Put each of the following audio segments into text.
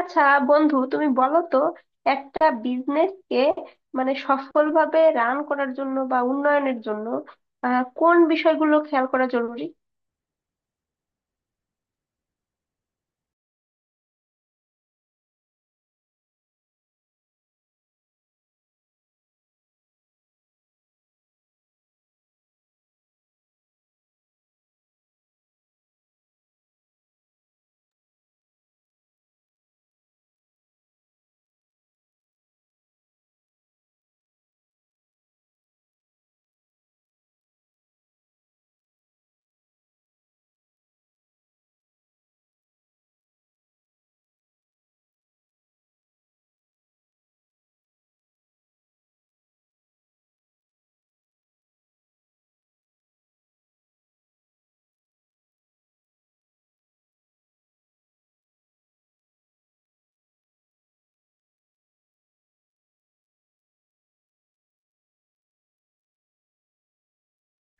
আচ্ছা, বন্ধু তুমি বলো তো, একটা বিজনেস কে মানে সফলভাবে রান করার জন্য বা উন্নয়নের জন্য কোন বিষয়গুলো খেয়াল করা জরুরি?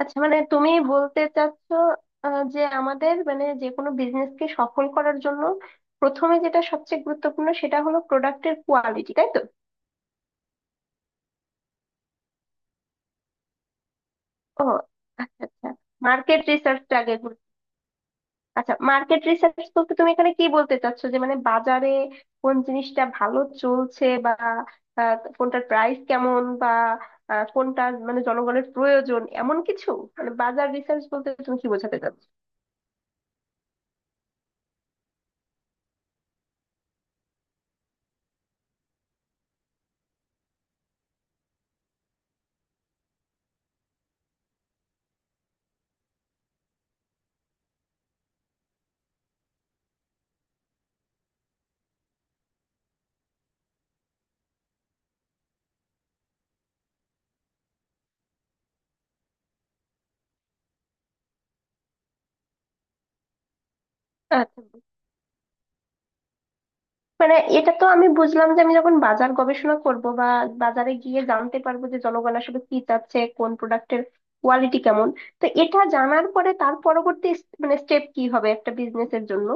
আচ্ছা, মানে তুমি বলতে চাচ্ছ যে আমাদের মানে যে কোনো বিজনেস কে সফল করার জন্য প্রথমে যেটা সবচেয়ে গুরুত্বপূর্ণ সেটা হলো প্রোডাক্টের কোয়ালিটি, তাই তো? ও, আচ্ছা আচ্ছা, মার্কেট রিসার্চটা আগে। আচ্ছা, মার্কেট রিসার্চ বলতে তুমি এখানে কি বলতে চাচ্ছো? যে মানে বাজারে কোন জিনিসটা ভালো চলছে, বা কোনটার প্রাইস কেমন, বা কোনটা মানে জনগণের প্রয়োজন এমন কিছু? মানে বাজার রিসার্চ বলতে তুমি কি বোঝাতে চাচ্ছো? আচ্ছা, মানে এটা তো আমি বুঝলাম যে আমি যখন বাজার গবেষণা করব, বা বাজারে গিয়ে জানতে পারবো যে জনগণ আসলে কি চাচ্ছে, কোন প্রোডাক্টের কোয়ালিটি কেমন। তো এটা জানার পরে তার পরবর্তী মানে স্টেপ কি হবে একটা বিজনেসের জন্য?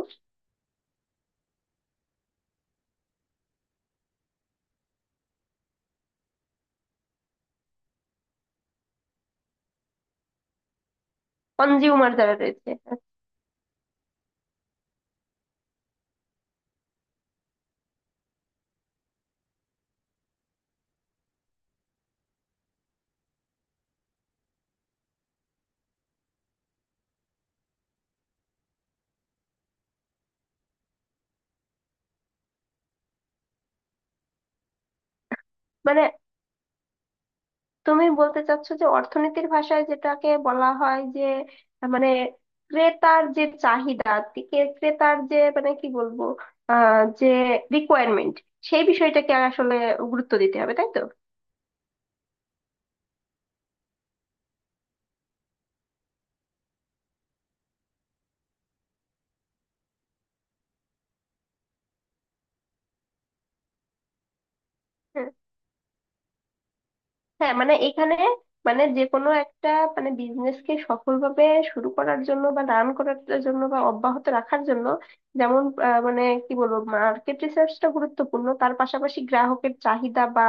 কনজিউমার যারা রয়েছে, মানে তুমি বলতে চাচ্ছ যে অর্থনীতির ভাষায় যেটাকে বলা হয় যে মানে ক্রেতার যে চাহিদা, ক্রেতার যে মানে কি বলবো, যে রিকোয়ারমেন্ট, সেই বিষয়টাকে আসলে গুরুত্ব দিতে হবে, তাই তো? হ্যাঁ, হ্যাঁ, মানে এখানে মানে যে কোনো একটা মানে বিজনেসকে সফলভাবে শুরু করার জন্য বা রান করার জন্য বা অব্যাহত রাখার জন্য যেমন মানে কি বলবো, মার্কেট রিসার্চটা গুরুত্বপূর্ণ, তার পাশাপাশি গ্রাহকের চাহিদা বা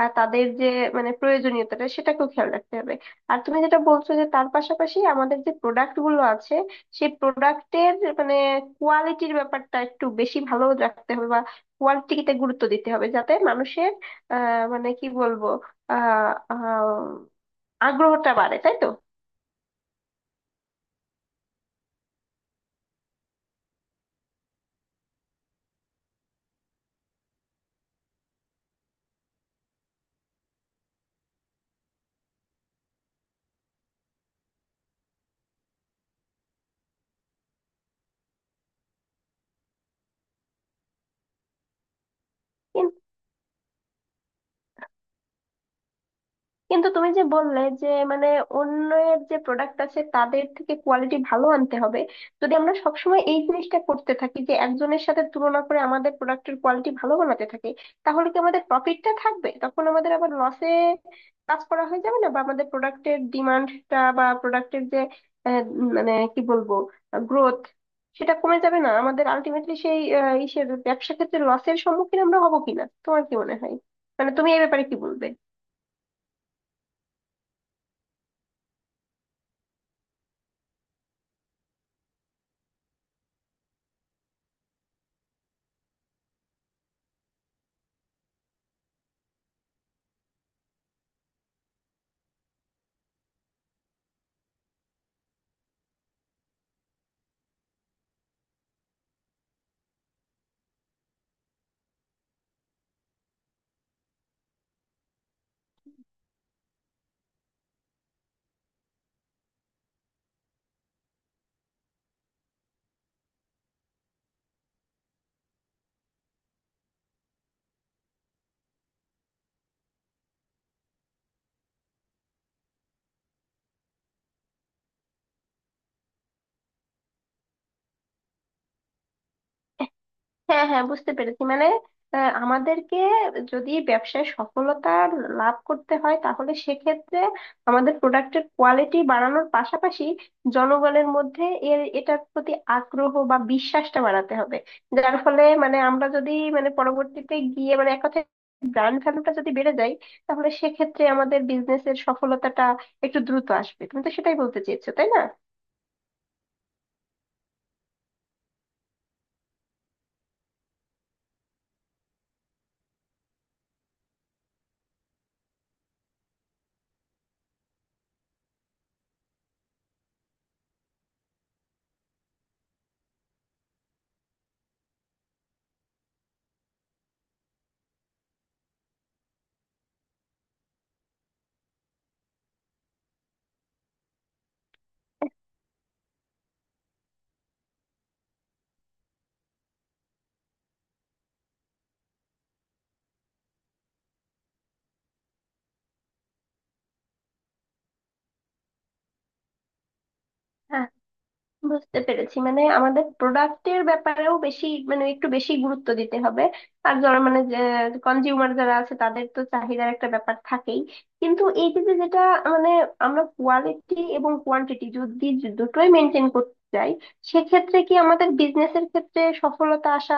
তাদের যে মানে প্রয়োজনীয়তাটা সেটাকেও খেয়াল রাখতে হবে। আর তুমি যেটা বলছো যে তার পাশাপাশি আমাদের যে প্রোডাক্ট গুলো আছে সেই প্রোডাক্টের মানে কোয়ালিটির ব্যাপারটা একটু বেশি ভালো রাখতে হবে, বা কোয়ালিটিতে গুরুত্ব দিতে হবে, যাতে মানুষের আহ মানে কি বলবো আহ আহ আগ্রহটা বাড়ে, তাই তো? কিন্তু কিন্তু তুমি যে বললে যে মানে অন্যের যে প্রোডাক্ট আছে তাদের থেকে কোয়ালিটি ভালো আনতে হবে, যদি আমরা সবসময় এই জিনিসটা করতে থাকি যে একজনের সাথে তুলনা করে আমাদের প্রোডাক্টের কোয়ালিটি ভালো বানাতে থাকি, তাহলে কি আমাদের প্রফিটটা থাকবে? তখন আমাদের আবার লসে কাজ করা হয়ে যাবে না? বা আমাদের প্রোডাক্টের ডিমান্ডটা, বা প্রোডাক্টের যে মানে কি বলবো গ্রোথ, সেটা কমে যাবে না? আমাদের আলটিমেটলি সেই ইসের ব্যবসা ক্ষেত্রে লসের সম্মুখীন আমরা হবো কিনা, তোমার কি মনে হয়? মানে তুমি এই ব্যাপারে কি বলবে? হ্যাঁ হ্যাঁ, বুঝতে পেরেছি। মানে আমাদেরকে যদি ব্যবসায় সফলতা লাভ করতে হয়, তাহলে সেক্ষেত্রে আমাদের প্রোডাক্টের কোয়ালিটি বাড়ানোর পাশাপাশি জনগণের মধ্যে এটার প্রতি আগ্রহ বা বিশ্বাসটা বাড়াতে হবে, যার ফলে মানে আমরা যদি মানে পরবর্তীতে গিয়ে মানে এক কথায় ব্র্যান্ড ভ্যালুটা যদি বেড়ে যায়, তাহলে সেক্ষেত্রে আমাদের বিজনেসের সফলতাটা একটু দ্রুত আসবে। তুমি তো সেটাই বলতে চেয়েছো, তাই না? বুঝতে পেরেছি। মানে আমাদের প্রোডাক্টের ব্যাপারেও বেশি মানে একটু বেশি গুরুত্ব দিতে হবে। আর যারা মানে কনজিউমার যারা আছে তাদের তো চাহিদার একটা ব্যাপার থাকেই, কিন্তু এই যে যে যেটা মানে আমরা কোয়ালিটি এবং কোয়ান্টিটি যদি দুটোই মেনটেন করতে চাই, সেক্ষেত্রে কি আমাদের বিজনেসের ক্ষেত্রে সফলতা আসা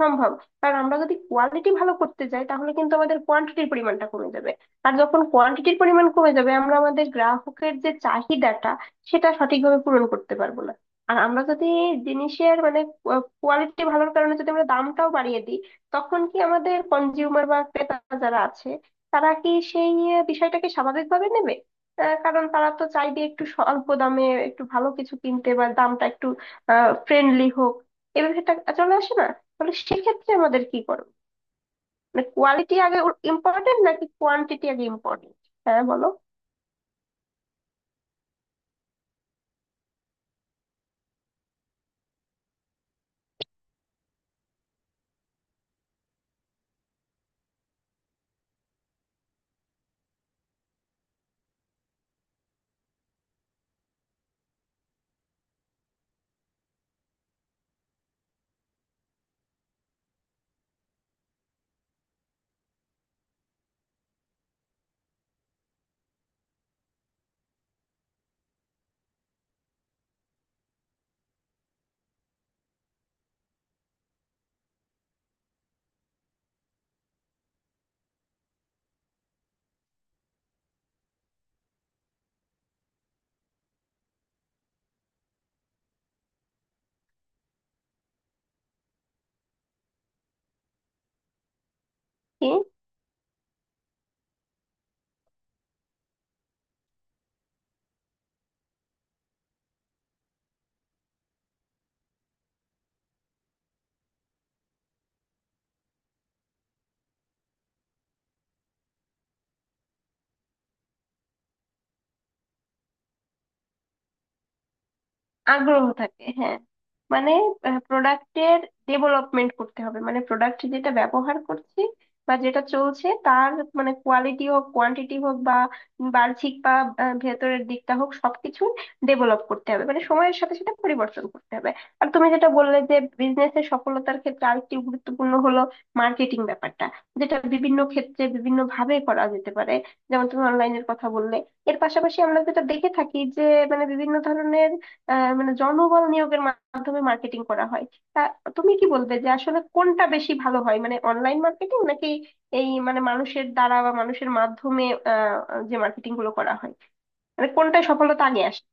সম্ভব? কারণ আমরা যদি কোয়ালিটি ভালো করতে যাই তাহলে কিন্তু আমাদের কোয়ান্টিটির পরিমাণটা কমে যাবে, আর যখন কোয়ান্টিটির পরিমাণ কমে যাবে আমরা আমাদের গ্রাহকের যে চাহিদাটা সেটা সঠিকভাবে পূরণ করতে পারবো না। আর আমরা যদি জিনিসের মানে কোয়ালিটি ভালোর কারণে যদি আমরা দামটাও বাড়িয়ে দিই, তখন কি আমাদের কনজিউমার বা ক্রেতা যারা আছে তারা কি সেই বিষয়টাকে স্বাভাবিকভাবে নেবে? কারণ তারা তো চাইবে একটু স্বল্প দামে একটু ভালো কিছু কিনতে, বা দামটা একটু ফ্রেন্ডলি হোক, এ ব্যাপারটা চলে আসে না? তাহলে সেক্ষেত্রে আমাদের কি করবে? মানে কোয়ালিটি আগে ইম্পর্টেন্ট নাকি কোয়ান্টিটি আগে ইম্পর্টেন্ট? হ্যাঁ, বলো। কি? আগ্রহ থাকে, হ্যাঁ। মানে প্রোডাক্টের ডেভেলপমেন্ট করতে হবে, মানে প্রোডাক্ট যেটা ব্যবহার করছি বা যেটা চলছে তার মানে কোয়ালিটি হোক, কোয়ান্টিটি হোক, বা বাহ্যিক বা ভেতরের দিকটা হোক, সবকিছু ডেভেলপ করতে হবে, মানে সময়ের সাথে সাথে পরিবর্তন করতে হবে। আর তুমি যেটা বললে যে বিজনেসের সফলতার ক্ষেত্রে আরেকটি গুরুত্বপূর্ণ হলো মার্কেটিং ব্যাপারটা, যেটা বিভিন্ন ক্ষেত্রে বিভিন্ন ভাবে করা যেতে পারে, যেমন তুমি অনলাইনের কথা বললে। এর পাশাপাশি আমরা যেটা দেখে থাকি যে মানে বিভিন্ন ধরনের মানে জনবল নিয়োগের মাধ্যমে মার্কেটিং করা হয়। তা তুমি কি বলবে যে আসলে কোনটা বেশি ভালো হয়, মানে অনলাইন মার্কেটিং নাকি এই মানে মানুষের দ্বারা বা মানুষের মাধ্যমে আহ যে মার্কেটিং গুলো করা হয়, মানে কোনটায় সফলতা আগে আসে?